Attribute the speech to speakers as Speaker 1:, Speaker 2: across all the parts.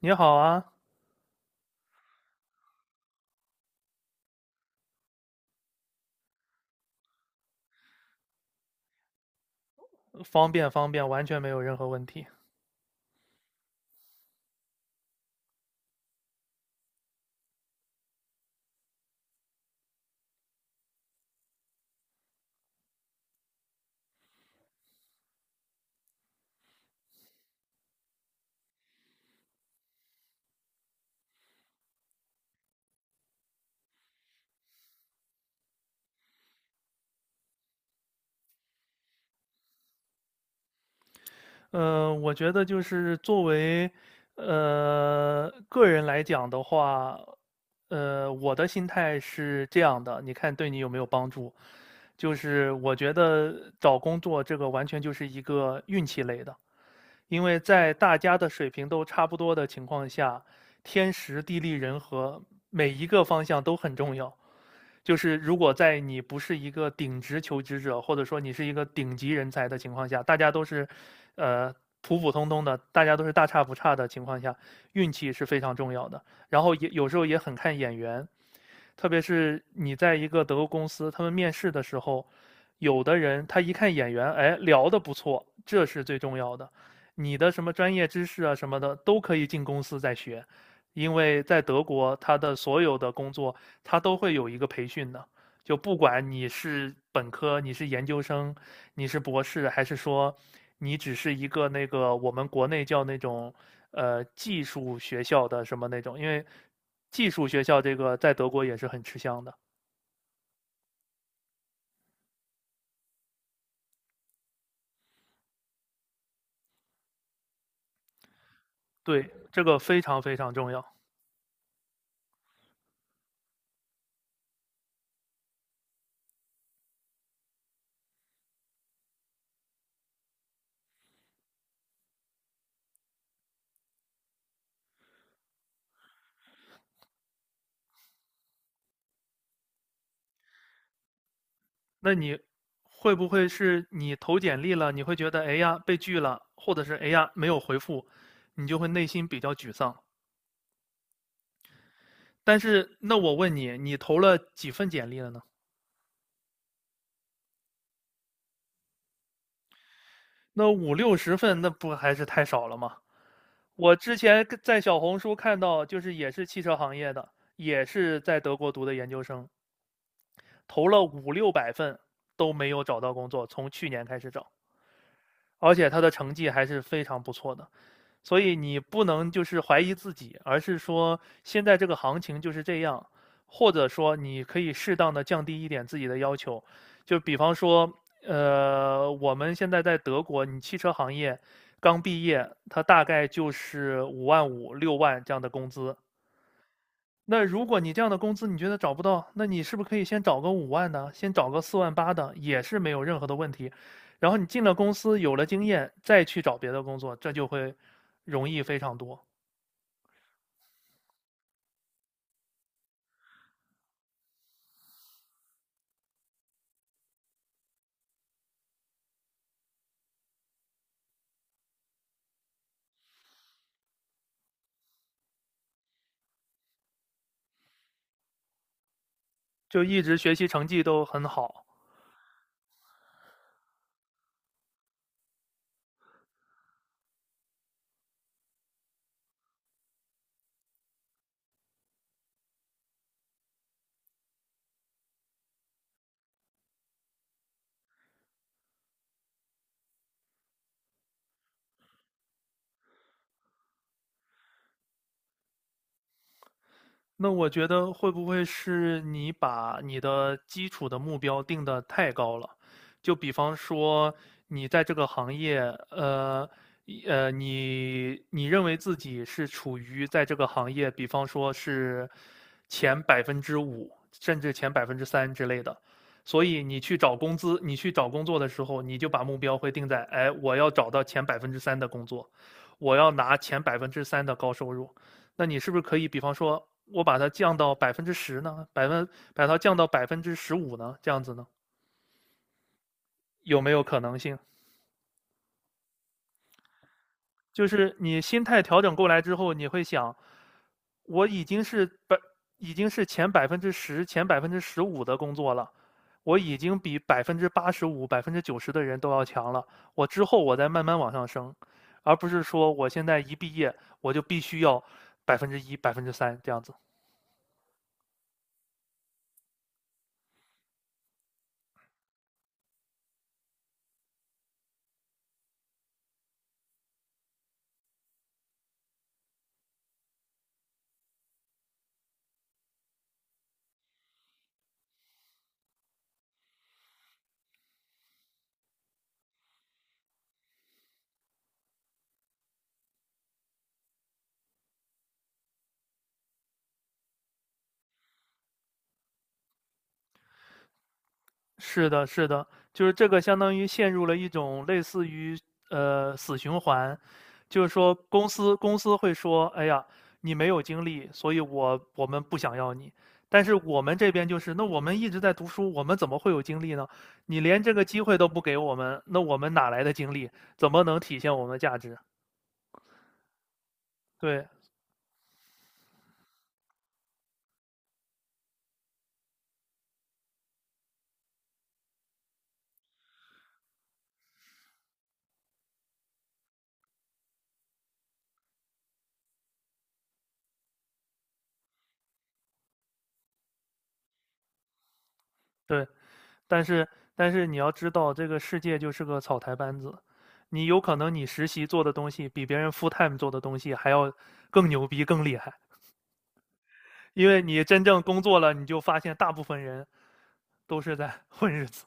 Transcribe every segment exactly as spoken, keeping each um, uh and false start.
Speaker 1: 你好啊，方便方便，完全没有任何问题。呃，我觉得就是作为呃个人来讲的话，呃，我的心态是这样的，你看对你有没有帮助？就是我觉得找工作这个完全就是一个运气类的，因为在大家的水平都差不多的情况下，天时地利人和每一个方向都很重要。就是如果在你不是一个顶职求职者，或者说你是一个顶级人才的情况下，大家都是，呃，普普通通的，大家都是大差不差的情况下，运气是非常重要的。然后也有时候也很看眼缘，特别是你在一个德国公司，他们面试的时候，有的人他一看眼缘，哎，聊得不错，这是最重要的。你的什么专业知识啊什么的都可以进公司再学，因为在德国，他的所有的工作他都会有一个培训的。就不管你是本科，你是研究生，你是博士，还是说你只是一个那个我们国内叫那种呃技术学校的什么那种，因为技术学校这个在德国也是很吃香的。对，这个非常非常重要。那你会不会是你投简历了，你会觉得哎呀被拒了，或者是哎呀没有回复，你就会内心比较沮丧？但是那我问你，你投了几份简历了呢？那五六十份，那不还是太少了吗？我之前跟在小红书看到，就是也是汽车行业的，也是在德国读的研究生，投了五六百份都没有找到工作，从去年开始找，而且他的成绩还是非常不错的。所以你不能就是怀疑自己，而是说现在这个行情就是这样，或者说你可以适当的降低一点自己的要求，就比方说，呃，我们现在在德国，你汽车行业刚毕业，它大概就是五万五、六万这样的工资，那如果你这样的工资你觉得找不到，那你是不是可以先找个五万的，先找个四万八的，也是没有任何的问题。然后你进了公司，有了经验，再去找别的工作，这就会容易非常多，就一直学习成绩都很好。那我觉得会不会是你把你的基础的目标定得太高了？就比方说，你在这个行业，呃，一呃，你你认为自己是处于在这个行业，比方说是前百分之五，甚至前百分之三之类的，所以你去找工资，你去找工作的时候，你就把目标会定在，哎，我要找到前百分之三的工作，我要拿前百分之三的高收入。那你是不是可以，比方说，我把它降到百分之十呢？百分把它降到百分之十五呢？这样子呢，有没有可能性？就是你心态调整过来之后，你会想，我已经是百，已经是前百分之十、前百分之十五的工作了，我已经比百分之八十五、百分之九十的人都要强了。我之后我再慢慢往上升，而不是说我现在一毕业我就必须要百分之一、百分之三这样子。是的，是的，就是这个相当于陷入了一种类似于呃死循环，就是说公司公司会说，哎呀，你没有经历，所以我我们不想要你。但是我们这边就是，那我们一直在读书，我们怎么会有精力呢？你连这个机会都不给我们，那我们哪来的精力？怎么能体现我们的价值？对对。但是但是你要知道，这个世界就是个草台班子，你有可能你实习做的东西比别人 full time 做的东西还要更牛逼、更厉害，因为你真正工作了，你就发现大部分人都是在混日子。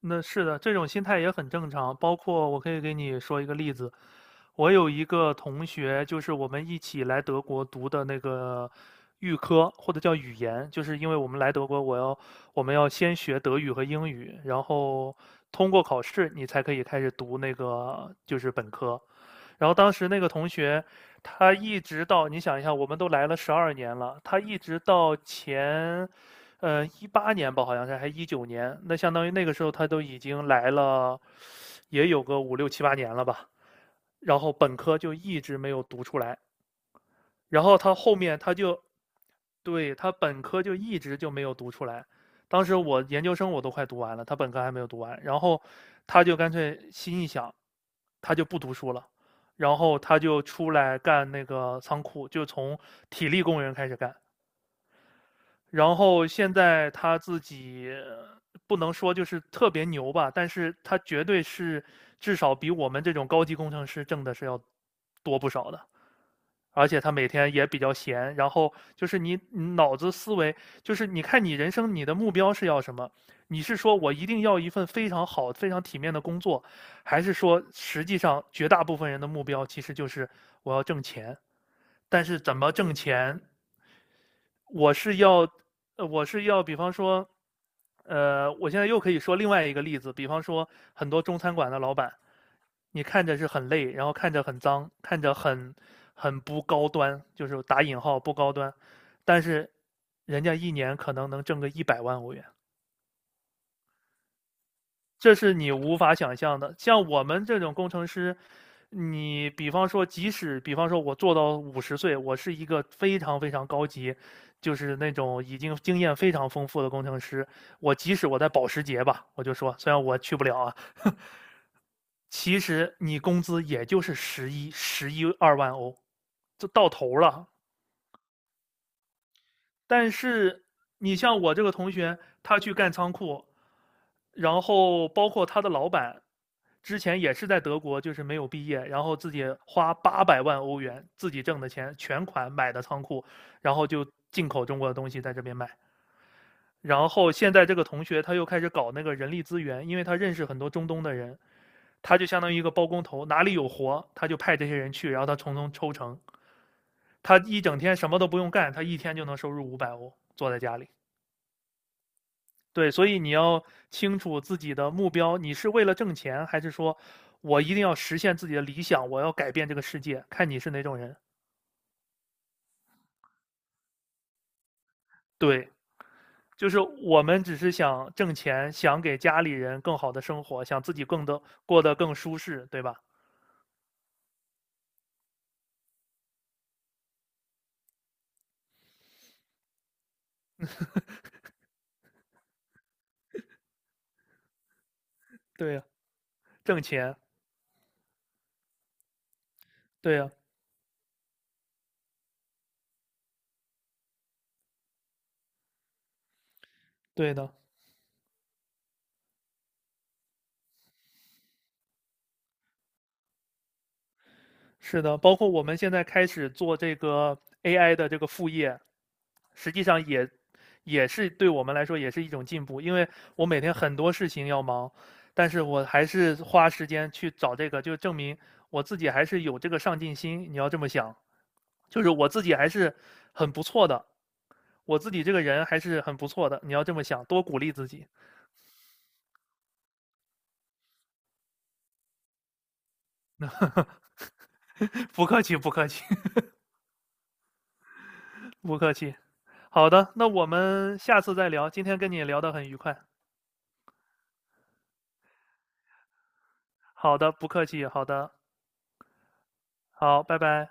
Speaker 1: 那是的，这种心态也很正常。包括我可以给你说一个例子，我有一个同学，就是我们一起来德国读的那个预科，或者叫语言，就是因为我们来德国，我要我们要先学德语和英语，然后通过考试，你才可以开始读那个就是本科。然后当时那个同学，他一直到你想一下，我们都来了十二年了，他一直到前呃，一八年吧，好像是，还一九年，那相当于那个时候他都已经来了，也有个五六七八年了吧。然后本科就一直没有读出来，然后他后面他就，对，他本科就一直就没有读出来。当时我研究生我都快读完了，他本科还没有读完。然后他就干脆心一想，他就不读书了，然后他就出来干那个仓库，就从体力工人开始干。然后现在他自己不能说就是特别牛吧，但是他绝对是至少比我们这种高级工程师挣的是要多不少的。而且他每天也比较闲，然后就是你脑子思维，就是你看你人生你的目标是要什么？你是说我一定要一份非常好、非常体面的工作，还是说实际上绝大部分人的目标其实就是我要挣钱？但是怎么挣钱我是要，呃我是要，比方说，呃，我现在又可以说另外一个例子，比方说很多中餐馆的老板，你看着是很累，然后看着很脏，看着很很不高端，就是打引号不高端，但是人家一年可能能挣个一百万欧元。这是你无法想象的。像我们这种工程师，你比方说，即使比方说我做到五十岁，我是一个非常非常高级，就是那种已经经验非常丰富的工程师，我即使我在保时捷吧，我就说，虽然我去不了啊，其实你工资也就是十一、十一二万欧，就到头了。但是你像我这个同学，他去干仓库，然后包括他的老板，之前也是在德国，就是没有毕业，然后自己花八百万欧元自己挣的钱全款买的仓库，然后就进口中国的东西在这边卖。然后现在这个同学他又开始搞那个人力资源，因为他认识很多中东的人，他就相当于一个包工头，哪里有活他就派这些人去，然后他从中抽成。他一整天什么都不用干，他一天就能收入五百欧，坐在家里。对，所以你要清楚自己的目标，你是为了挣钱，还是说我一定要实现自己的理想，我要改变这个世界，看你是哪种人。对，就是我们只是想挣钱，想给家里人更好的生活，想自己更的过得更舒适，对吧？对呀，挣钱，对呀，对的。是的，包括我们现在开始做这个 A I 的这个副业，实际上也也是对我们来说也是一种进步，因为我每天很多事情要忙，但是我还是花时间去找这个，就证明我自己还是有这个上进心。你要这么想，就是我自己还是很不错的，我自己这个人还是很不错的。你要这么想，多鼓励自己。不客气，不客气，不客气。好的，那我们下次再聊。今天跟你聊得很愉快。好的，不客气，好的，好，拜拜。